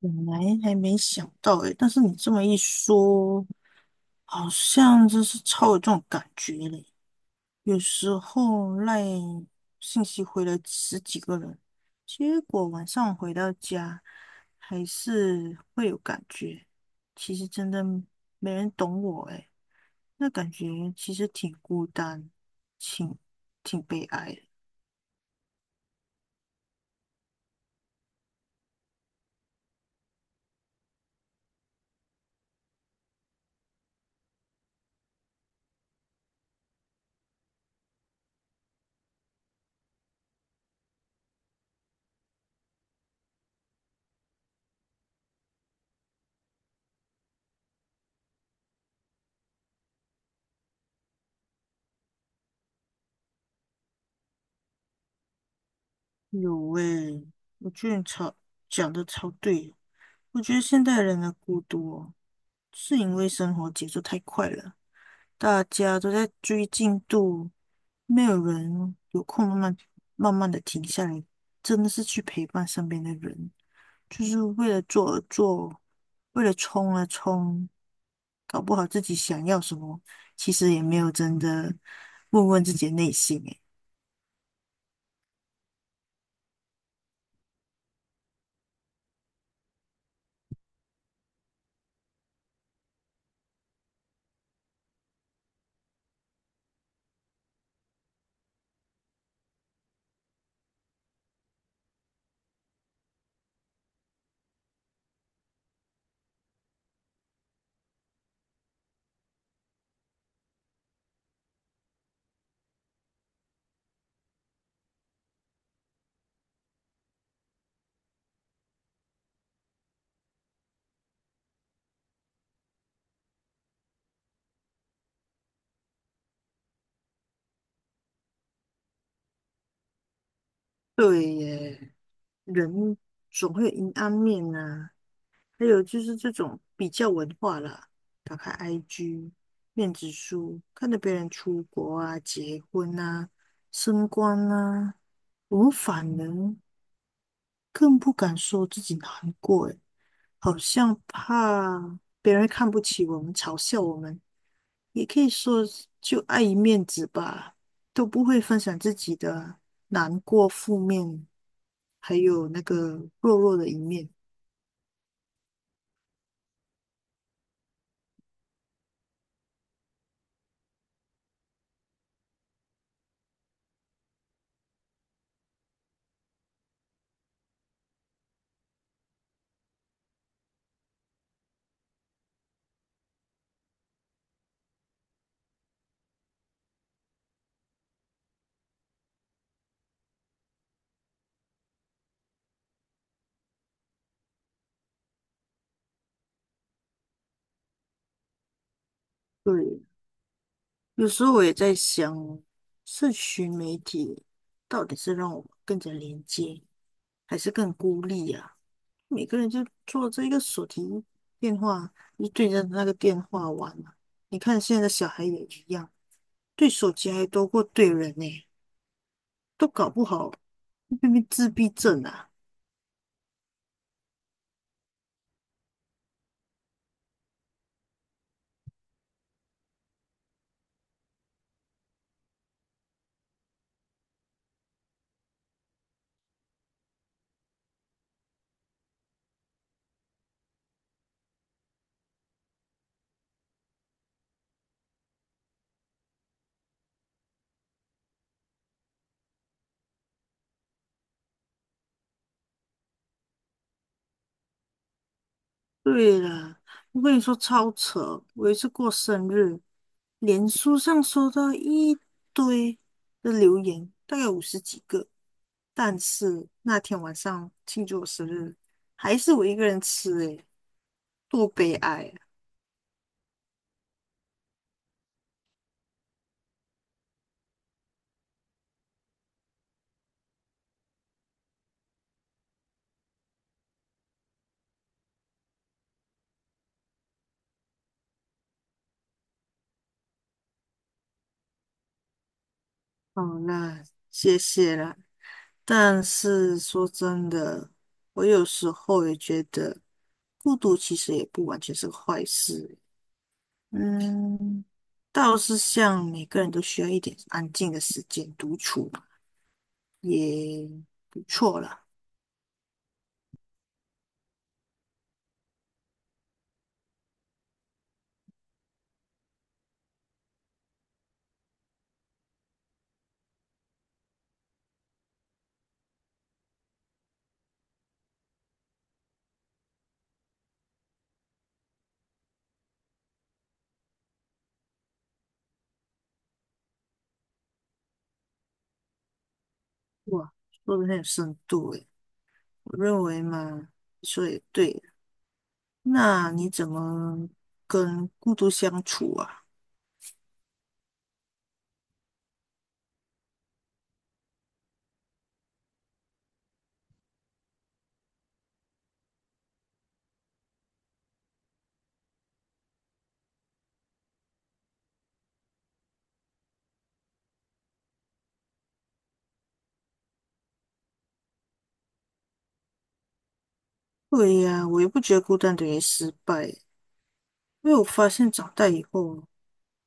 本来还没想到诶，但是你这么一说，好像真是超有这种感觉嘞。有时候赖信息回了10几个人，结果晚上回到家还是会有感觉。其实真的没人懂我诶，那感觉其实挺孤单，挺挺悲哀的。有诶，我觉得你超讲的超对哦，我觉得现代人的孤独哦。是因为生活节奏太快了，大家都在追进度，没有人有空慢慢的停下来，真的是去陪伴身边的人，就是为了做而做，为了冲而冲，搞不好自己想要什么，其实也没有真的问问自己的内心。诶，对耶，人总会有阴暗面啊。还有就是这种比较文化啦，打开 IG、面子书，看着别人出国啊、结婚啊、升官啊，我们反而更不敢说自己难过，诶，好像怕别人看不起我们、嘲笑我们，也可以说就碍于面子吧，都不会分享自己的难过、负面，还有那个弱弱的一面。对，有时候我也在想，社群媒体到底是让我们更加连接，还是更孤立啊？每个人就做这一个手提电话，就对着那个电话玩啊。你看现在的小孩也一样，对手机还多过对人呢、都搞不好会变成自闭症啊。对了，我跟你说超扯！我有一次过生日，脸书上收到一堆的留言，大概50几个。但是那天晚上庆祝我生日，还是我一个人吃、诶，多悲哀啊！好啦，谢谢啦。但是说真的，我有时候也觉得，孤独其实也不完全是个坏事。嗯，倒是像每个人都需要一点安静的时间独处也不错啦。哇，说的很有深度诶，我认为嘛，说也对。那你怎么跟孤独相处啊？对呀，我也不觉得孤单等于失败欸，因为我发现长大以后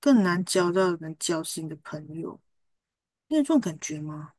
更难交到能交心的朋友，你有这种感觉吗？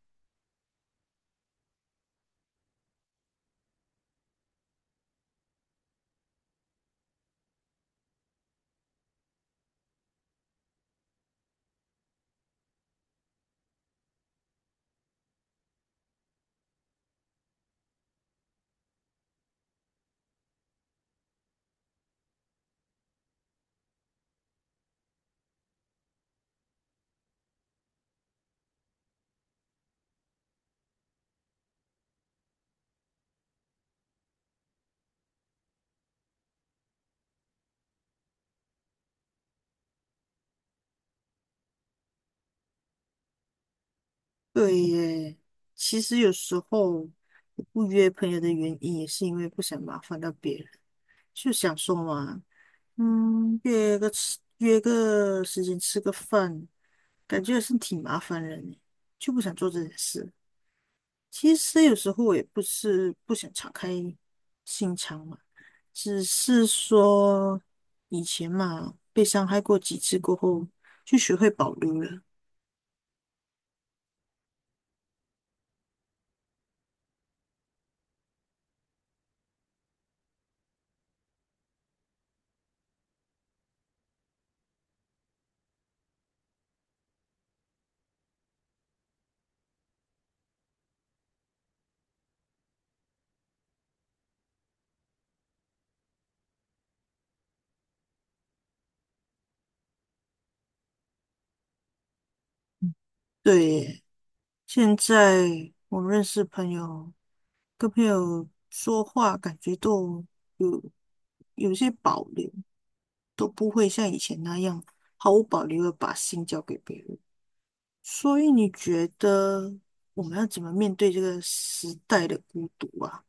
对耶，其实有时候我不约朋友的原因，也是因为不想麻烦到别人，就想说嘛，嗯，约个吃约个时间吃个饭，感觉是挺麻烦人的就不想做这件事。其实有时候我也不是不想敞开心肠嘛，只是说以前嘛，被伤害过几次过后，就学会保留了。对耶。现在我认识朋友，跟朋友说话感觉都有有些保留，都不会像以前那样毫无保留的把心交给别人。所以你觉得我们要怎么面对这个时代的孤独啊？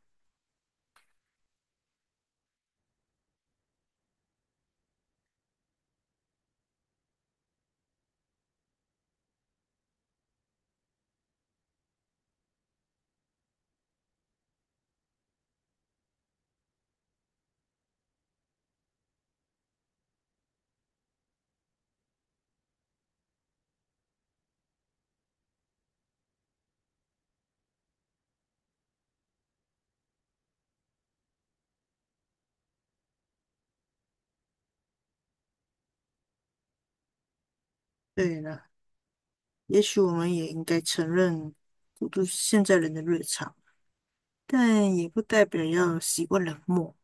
对了，也许我们也应该承认孤独是现在人的日常，但也不代表要习惯冷漠。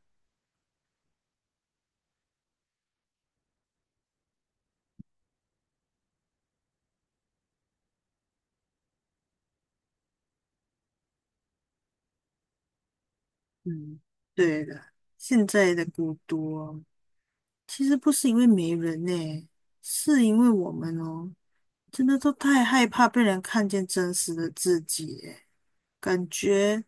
嗯，对的，现在的孤独哦其实不是因为没人呢、是因为我们哦，真的都太害怕被人看见真实的自己耶感觉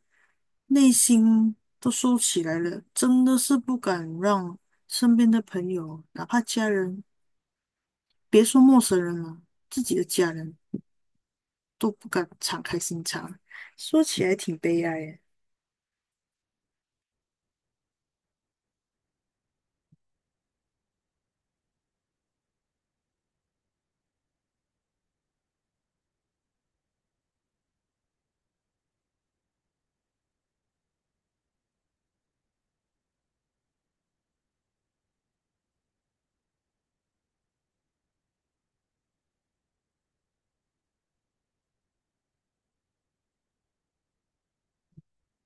内心都收起来了，真的是不敢让身边的朋友，哪怕家人，别说陌生人了，自己的家人都不敢敞开心肠。说起来挺悲哀耶、欸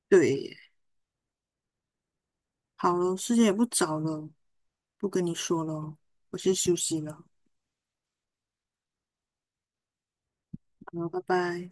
对耶好了，时间也不早了，不跟你说了，我先休息了，好，拜拜。